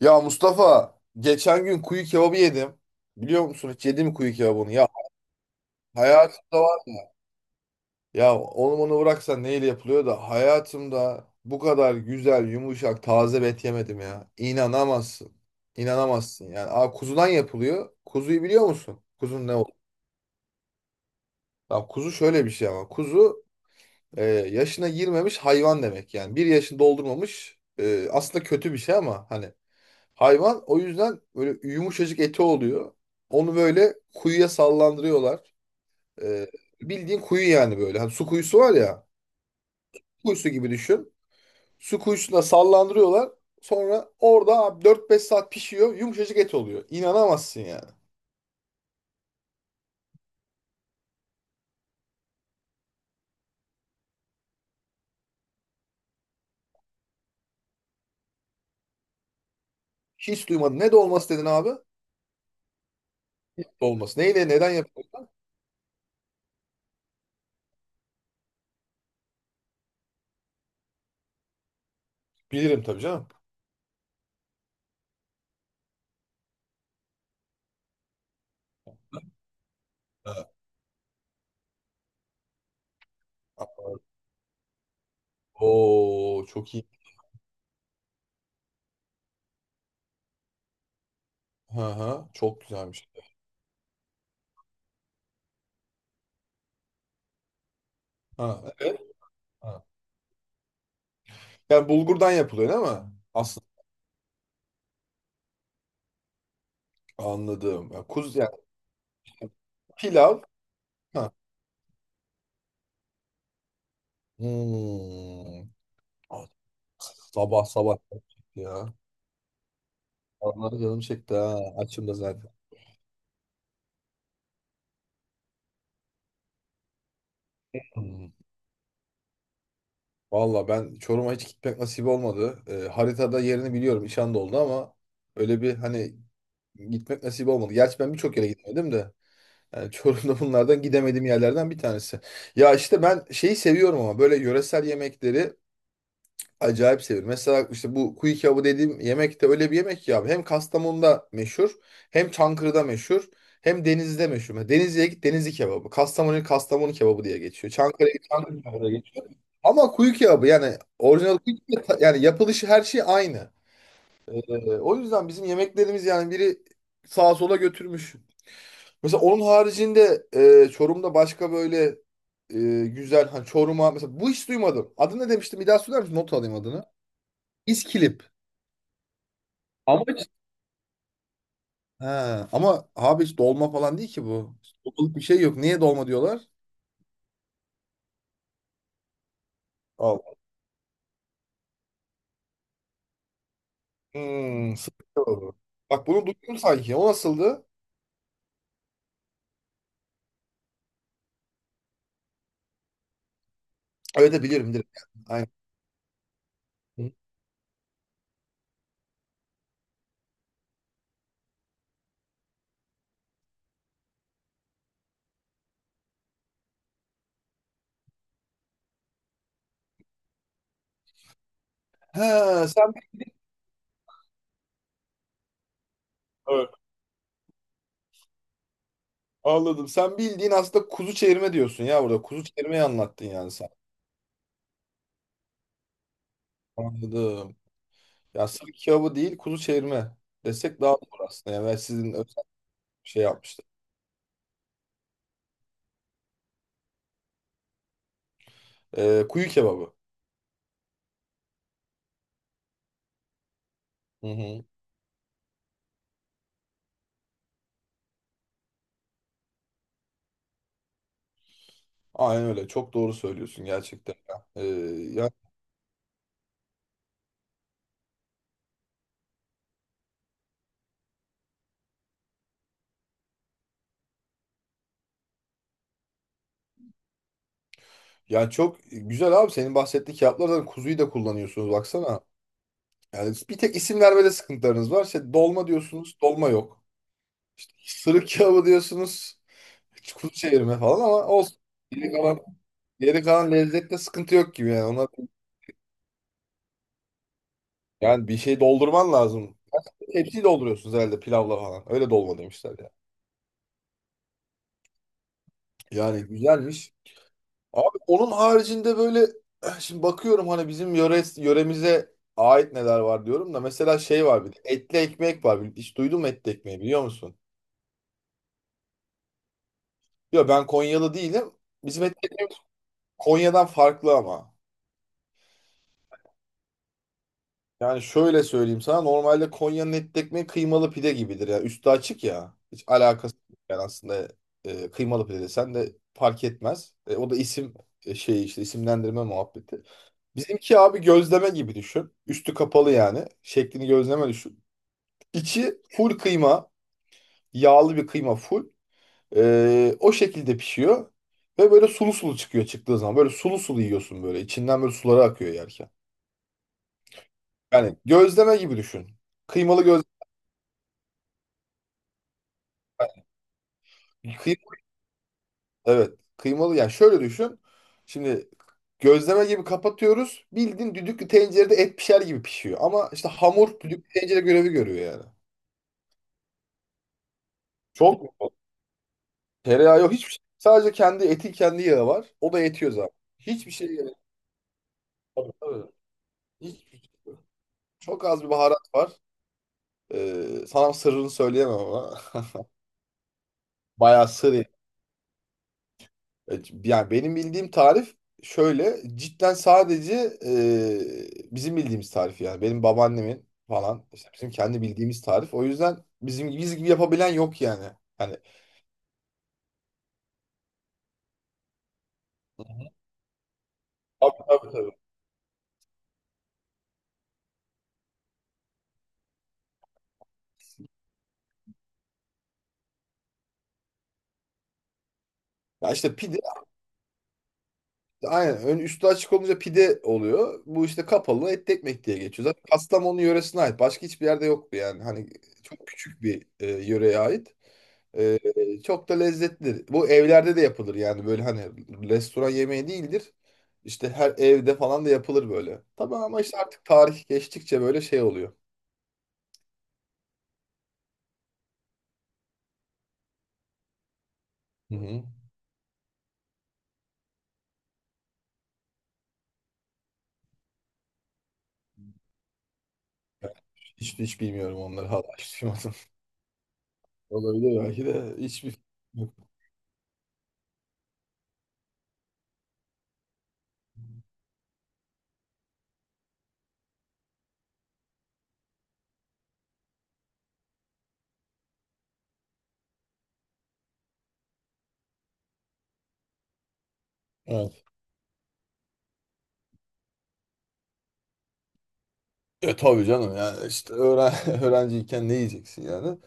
Ya Mustafa, geçen gün kuyu kebabı yedim. Biliyor musun hiç yedim mi kuyu kebabını? Ya hayatımda var ya. Ya onu bıraksan neyle yapılıyor da hayatımda bu kadar güzel, yumuşak, taze bir et yemedim ya. İnanamazsın. İnanamazsın. Yani kuzudan yapılıyor. Kuzuyu biliyor musun? Kuzun ne oldu? Ya, kuzu şöyle bir şey ama. Kuzu yaşına girmemiş hayvan demek yani. Bir yaşını doldurmamış. Aslında kötü bir şey ama hani hayvan, o yüzden böyle yumuşacık eti oluyor. Onu böyle kuyuya sallandırıyorlar. Ee, Bildiğin kuyu yani böyle. Hani su kuyusu var ya. Kuyusu gibi düşün. Su kuyusuna sallandırıyorlar. Sonra orada abi 4-5 saat pişiyor. Yumuşacık et oluyor. İnanamazsın yani. Hiç duymadım. Ne dolması dedin abi? Dolması. Neyle neden yapılıyor? Bilirim tabii canım. Ha. Oo, çok iyi. Ha ha, çok güzelmiş. Ha, evet. Ha. Yani bulgurdan yapılıyor değil mi? Aslında anladım. Ya kuz yani pilav. Ha. Hmm. Ah, sabah sabah ya. Vallahi canım çekti ha. Açım da zaten. Hmm. Valla ben Çorum'a hiç gitmek nasip olmadı. Haritada yerini biliyorum. İşan da oldu ama öyle bir hani gitmek nasip olmadı. Gerçi ben birçok yere gitmedim de. Yani Çorum'da bunlardan gidemediğim yerlerden bir tanesi. Ya işte ben şeyi seviyorum ama böyle yöresel yemekleri acayip sevilir. Mesela işte bu kuyu kebabı dediğim yemek de öyle bir yemek ki abi. Hem Kastamonu'da meşhur, hem Çankırı'da meşhur, hem Denizli'de meşhur. Mesela Denizli'ye git, Denizli kebabı. Kastamonu'ya git, Kastamonu kebabı diye geçiyor. Çankırı'ya git, Çankırı kebabı diye geçiyor. Ama kuyu kebabı yani orijinal kuyu kebabı yani yapılışı her şey aynı. O yüzden bizim yemeklerimiz yani biri sağa sola götürmüş. Mesela onun haricinde Çorum'da başka böyle güzel hani Çorum'a mesela bu hiç duymadım. Adını ne demiştim? Bir daha söyler misin? Not alayım adını. İskilip. Ama ha, ama abi hiç dolma falan değil ki bu. Dolmalık bir şey yok. Niye dolma diyorlar? Allah. Hmm, sıkıntı oldu. Bak bunu duydum sanki. O nasıldı? Öyle de bilirim, direkt. Aynen. Ha, sen evet, anladım. Sen bildiğin aslında kuzu çevirme diyorsun ya burada. Kuzu çevirmeyi anlattın yani sen. Anladım. Ya sırf kebabı değil, kuzu çevirme desek daha doğru aslında. Yani ben sizin özel bir şey yapmıştım. Kuyu kebabı. Hı hı. Aynen öyle. Çok doğru söylüyorsun gerçekten, ya. Yani yani çok güzel abi, senin bahsettiğin kağıtlar, kuzuyu da kullanıyorsunuz baksana. Yani bir tek isim vermede sıkıntılarınız var. İşte dolma diyorsunuz, dolma yok. İşte sırık kebabı diyorsunuz, hiç kuzu çevirme falan, ama olsun. Geri kalan, geri kalan lezzette sıkıntı yok gibi yani. Ona, yani bir şey doldurman lazım. Hepsini dolduruyorsunuz herhalde pilavla falan. Öyle dolma demişler ya. Yani güzelmiş. Abi onun haricinde böyle şimdi bakıyorum hani bizim yöre, yöremize ait neler var diyorum da mesela şey var, bir de etli ekmek var. Hiç duydun mu etli ekmeği, biliyor musun? Yok, ben Konyalı değilim. Bizim etli ekmek Konya'dan farklı ama. Yani şöyle söyleyeyim sana, normalde Konya'nın etli ekmeği kıymalı pide gibidir ya. Üstü açık ya. Hiç alakası yok yani aslında kıymalı pide desen de fark etmez. E, o da isim şeyi işte isimlendirme muhabbeti. Bizimki abi gözleme gibi düşün. Üstü kapalı yani. Şeklini gözleme düşün. İçi full kıyma. Yağlı bir kıyma full. O şekilde pişiyor. Ve böyle sulu sulu çıkıyor çıktığı zaman. Böyle sulu sulu yiyorsun böyle. İçinden böyle suları akıyor yerken. Yani gözleme gibi düşün. Kıymalı gözleme, Kıy- evet. Kıymalı yani şöyle düşün. Şimdi gözleme gibi kapatıyoruz. Bildiğin düdüklü tencerede et pişer gibi pişiyor. Ama işte hamur düdüklü tencere görevi görüyor yani. Çok mu? Tereyağı yok, hiçbir şey. Sadece kendi eti, kendi yağı var. O da yetiyor zaten. Hiçbir şey gerek, tabii tabii. Hiç- çok az bir baharat var. Sana sırrını söyleyemem ama. Bayağı sır. Yani benim bildiğim tarif şöyle. Cidden sadece bizim bildiğimiz tarif yani. Benim babaannemin falan. İşte bizim kendi bildiğimiz tarif. O yüzden bizim biz gibi yapabilen yok yani. Hani tabii tabii tabii. Ya işte pide aynen. Ön üstü açık olunca pide oluyor. Bu işte kapalı etli ekmek diye geçiyor. Zaten Kastamonu yöresine ait. Başka hiçbir yerde yoktu yani. Hani çok küçük bir yöreye ait. E, Çok da lezzetlidir. Bu evlerde de yapılır yani. Böyle hani restoran yemeği değildir. İşte her evde falan da yapılır böyle. Tabii ama işte artık tarih geçtikçe böyle şey oluyor. Hı hı. Hiç, hiç bilmiyorum onları, hala hiç duymadım. Olabilir belki de. Hiçbir fikrim yok. Evet. E tabii canım, yani işte öğren öğrenciyken ne yiyeceksin yani?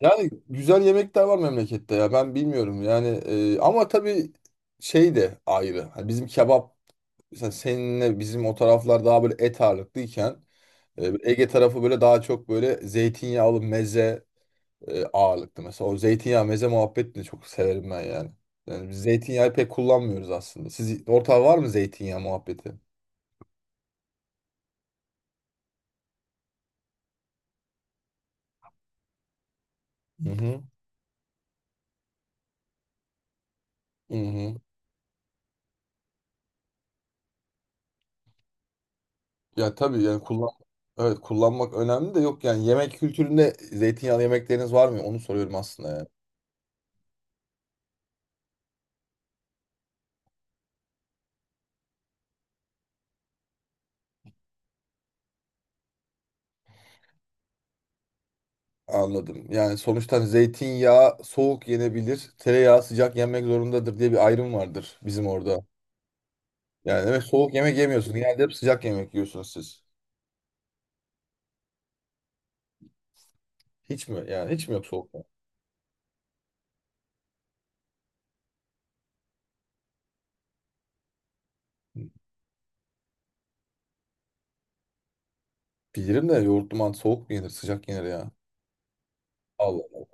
Yani güzel yemekler var memlekette ya, ben bilmiyorum yani ama tabii şey de ayrı. Hani bizim kebap mesela, seninle bizim o taraflar daha böyle et ağırlıklıyken Ege tarafı böyle daha çok böyle zeytinyağlı meze ağırlıklı. Mesela o zeytinyağı meze muhabbetini de çok severim ben yani. Yani biz zeytinyağı pek kullanmıyoruz aslında. Siz ortağı var mı zeytinyağı muhabbeti? Hı hı. Hı hı. Ya tabii yani kullan, evet, kullanmak önemli de yok yani, yemek kültüründe zeytinyağlı yemekleriniz var mı? Onu soruyorum aslında yani. Anladım. Yani sonuçta hani zeytinyağı soğuk yenebilir, tereyağı sıcak yenmek zorundadır diye bir ayrım vardır bizim orada. Yani evet, soğuk yemek yemiyorsunuz. Genelde hep sıcak yemek yiyorsunuz siz. Hiç mi? Yani hiç mi yok soğuk yemek? Bilirim de yoğurtlu mantı soğuk mu yenir, sıcak yenir ya. Allah Allah.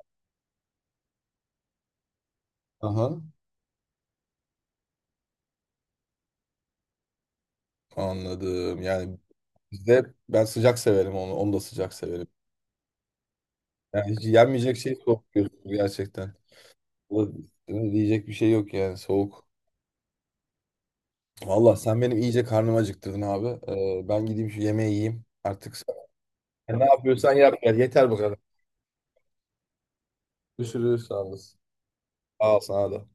Aha. Anladım. Yani bizde ben sıcak severim onu. Onu da sıcak severim. Yani hiç yenmeyecek şey soğuk diyorsunuz gerçekten. Valla diyecek bir şey yok yani, soğuk. Valla sen benim iyice karnımı acıktırdın abi. Ben gideyim şu yemeği yiyeyim. Artık sen, sen ne yapıyorsan yap gel. Yeter bu kadar. Görüşürüz. Sağ olasın. Sağ ol sana da.